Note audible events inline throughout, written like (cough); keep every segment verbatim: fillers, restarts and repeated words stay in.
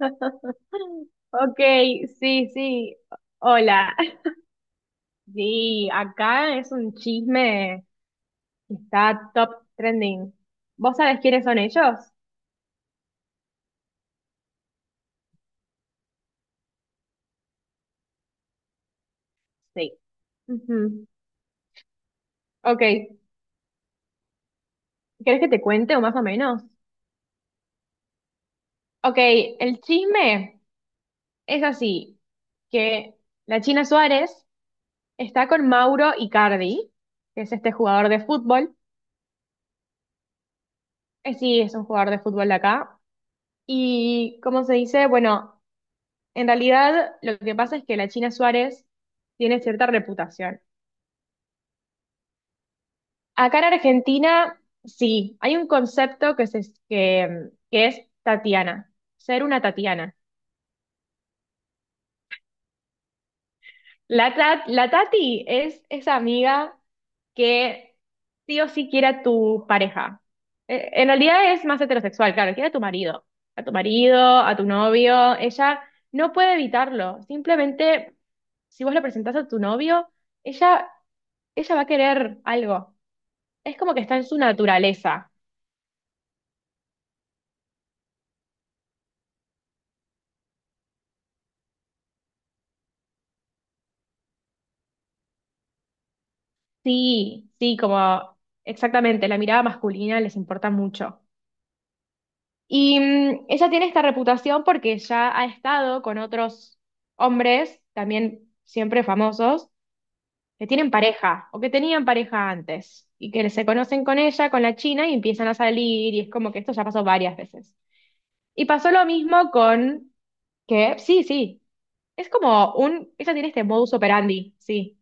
(laughs) Ok, sí, sí. Hola. Sí, acá es un chisme que está top trending. ¿Vos sabés quiénes son ellos? Sí. Ujú. Ok, ¿querés que te cuente o más o menos? Ok, el chisme es así, que la China Suárez está con Mauro Icardi, que es este jugador de fútbol. Eh, sí, es un jugador de fútbol de acá. Y, ¿cómo se dice? Bueno. En realidad, lo que pasa es que la China Suárez tiene cierta reputación. Acá en Argentina, sí, hay un concepto que, se- que, que es Tatiana, ser una Tatiana. La, Ta- la Tati es esa amiga que sí o sí quiere a tu pareja. Eh, En realidad es más heterosexual, claro, quiere a tu marido, a tu marido, a tu novio. Ella no puede evitarlo, simplemente si vos le presentás a tu novio, ella ella va a querer algo. Es como que está en su naturaleza. Sí, sí, como exactamente, la mirada masculina les importa mucho. Y mm, ella tiene esta reputación porque ya ha estado con otros hombres, también siempre famosos, que tienen pareja o que tenían pareja antes y que se conocen con ella, con la China y empiezan a salir y es como que esto ya pasó varias veces. Y pasó lo mismo con que, sí, sí, es como un, ella tiene este modus operandi, sí.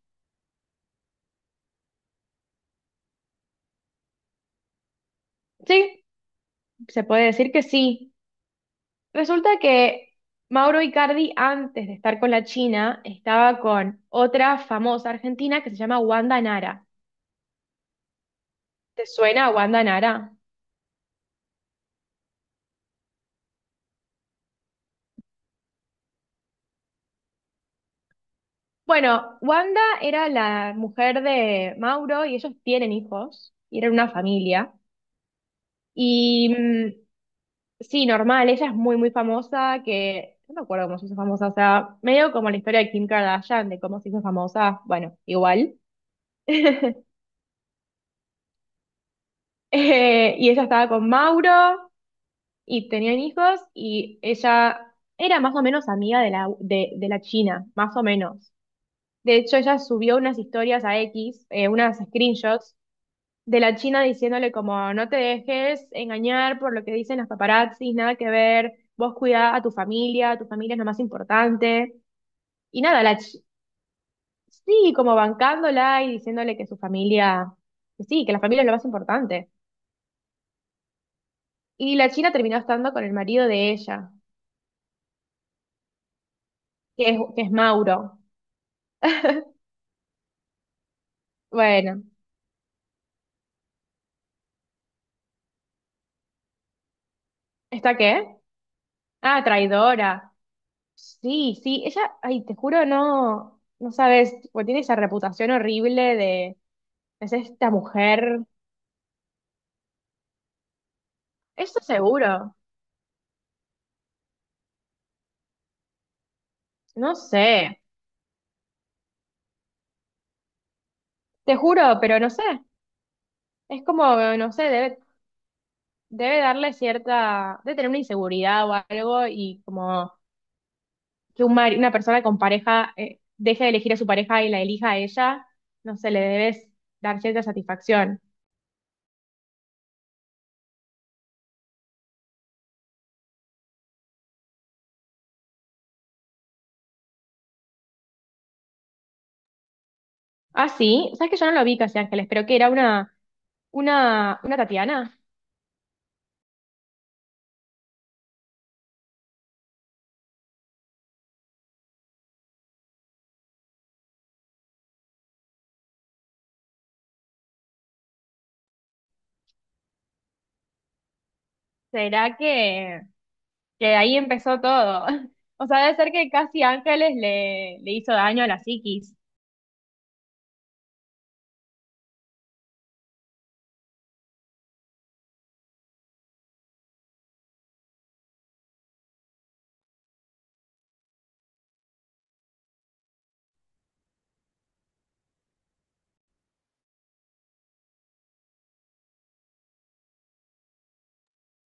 Sí, Se puede decir que sí. Resulta que Mauro Icardi, antes de estar con la China, estaba con otra famosa argentina que se llama Wanda Nara. ¿Te suena a Wanda Nara? Bueno, Wanda era la mujer de Mauro y ellos tienen hijos y eran una familia. Y mm, sí, normal, ella es muy, muy famosa, que no me acuerdo cómo se hizo famosa, o sea, medio como la historia de Kim Kardashian, de cómo se hizo famosa, bueno, igual. (laughs) Eh, y ella estaba con Mauro. Y tenían hijos y ella era más o menos amiga de la, de, de la China, más o menos. De hecho, ella subió unas historias a X, eh, unas screenshots de la China diciéndole como no te dejes engañar por lo que dicen los paparazzis, nada que ver, vos cuidá a tu familia, tu familia es lo más importante. Y nada, la chi- sí, como bancándola y diciéndole que su familia, que sí, que la familia es lo más importante. Y la China terminó estando con el marido de ella, que es, que es Mauro. Bueno. ¿Está qué? Ah, traidora. Sí, sí, ella, ay, te juro, no, no sabes, tipo, tiene esa reputación horrible de, es esta mujer. Eso seguro, no sé, te juro, pero no sé, es como, no sé, debe, debe darle cierta, debe tener una inseguridad o algo y como que un mari- una persona con pareja eh, deje de elegir a su pareja y la elija a ella, no sé, le debes dar cierta satisfacción. Ah, sí, sabes que yo no lo vi Casi Ángeles, pero que era una Una, una Tatiana. ¿Será que, que ahí empezó todo? (laughs) O sea, debe ser que Casi Ángeles le, le hizo daño a la psiquis.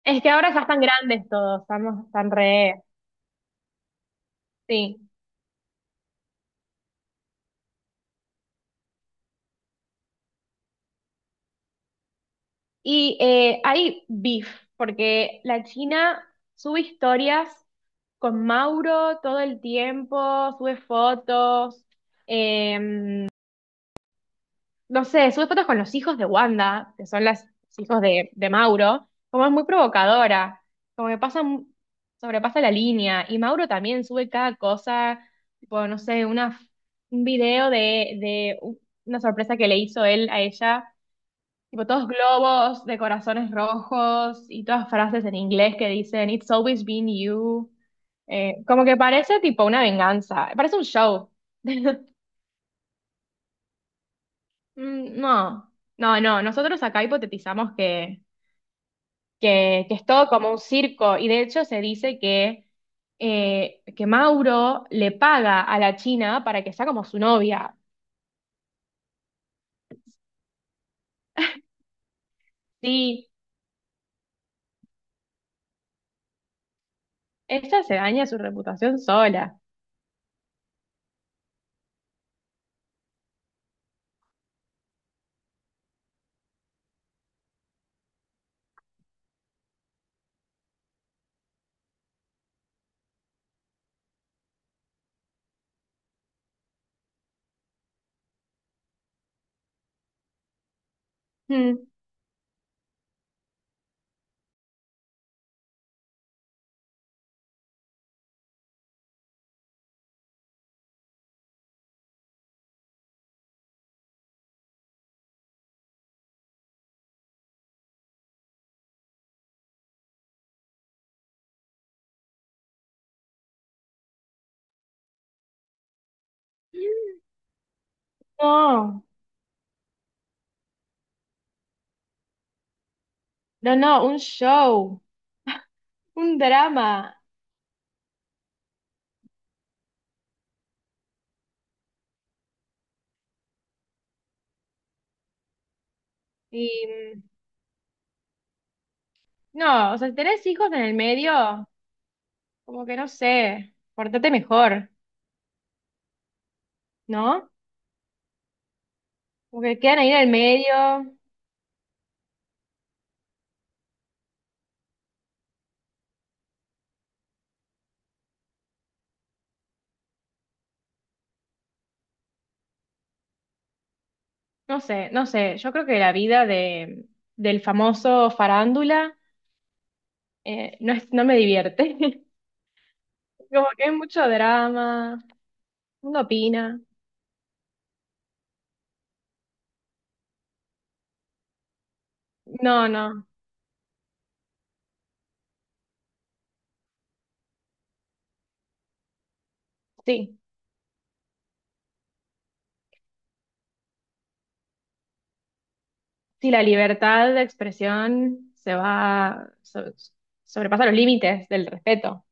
Es que ahora ya están grandes todos, estamos tan re. Sí. Y eh, hay beef, porque la China sube historias con Mauro todo el tiempo, sube fotos. eh, no sé, sube fotos con los hijos de Wanda, que son las, los hijos de, de Mauro, como es muy provocadora, como que pasa, mu- sobrepasa la línea, y Mauro también sube cada cosa, tipo, no sé, una, un video de, de u- una sorpresa que le hizo él a ella, tipo, todos globos de corazones rojos y todas frases en inglés que dicen, "It's always been you". Eh, como que parece tipo una venganza, parece un show. (laughs) Mm. No, no, no. Nosotros acá hipotetizamos que, que, que es todo como un circo y de hecho se dice que, eh, que Mauro le paga a la China para que sea como su novia. Sí, ella se daña su reputación sola. Mm. No, no, no, un show, un drama. Y mm, no, o sea, si tenés hijos en el medio, como que no sé, portate mejor, ¿no? Como que quedan ahí en el medio. No sé, no sé, yo creo que la vida de, del famoso farándula eh, no es, no me divierte. (laughs) Como que hay mucho drama, uno opina. No, no, sí, sí, la libertad de expresión se va, so- sobrepasa los límites del respeto.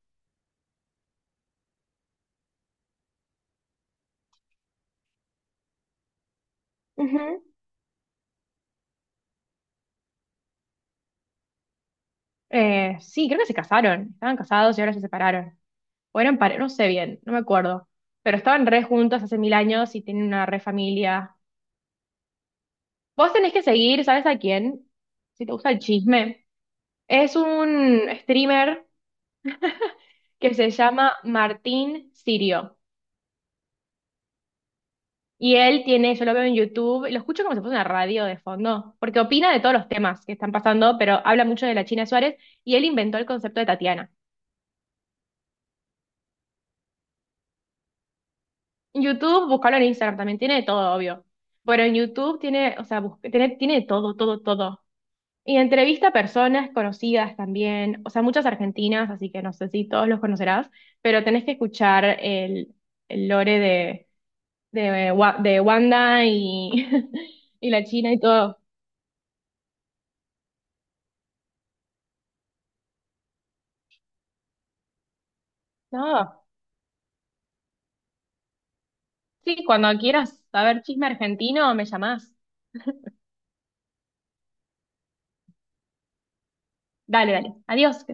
Ujú. Eh, sí, creo que se casaron, estaban casados y ahora se separaron. O eran pare, no sé bien, no me acuerdo. Pero estaban re juntos hace mil años y tienen una re familia. Vos tenés que seguir, ¿sabes a quién? Si te gusta el chisme. Es un streamer que se llama Martín Sirio. Y él tiene, yo lo veo en YouTube, lo escucho como si fuese una radio de fondo, porque opina de todos los temas que están pasando, pero habla mucho de la China Suárez y él inventó el concepto de Tatiana. En YouTube, buscalo en Instagram, también tiene de todo, obvio. Pero en YouTube tiene, o sea, busca- tiene, tiene de todo, todo, todo. Y entrevista a personas conocidas también, o sea, muchas argentinas, así que no sé si todos los conocerás, pero tenés que escuchar el, el lore de, de, Wa- de Wanda y, (laughs) y la China y todo. No, sí, cuando quieras saber chisme argentino, me llamás. Dale, dale. Adiós.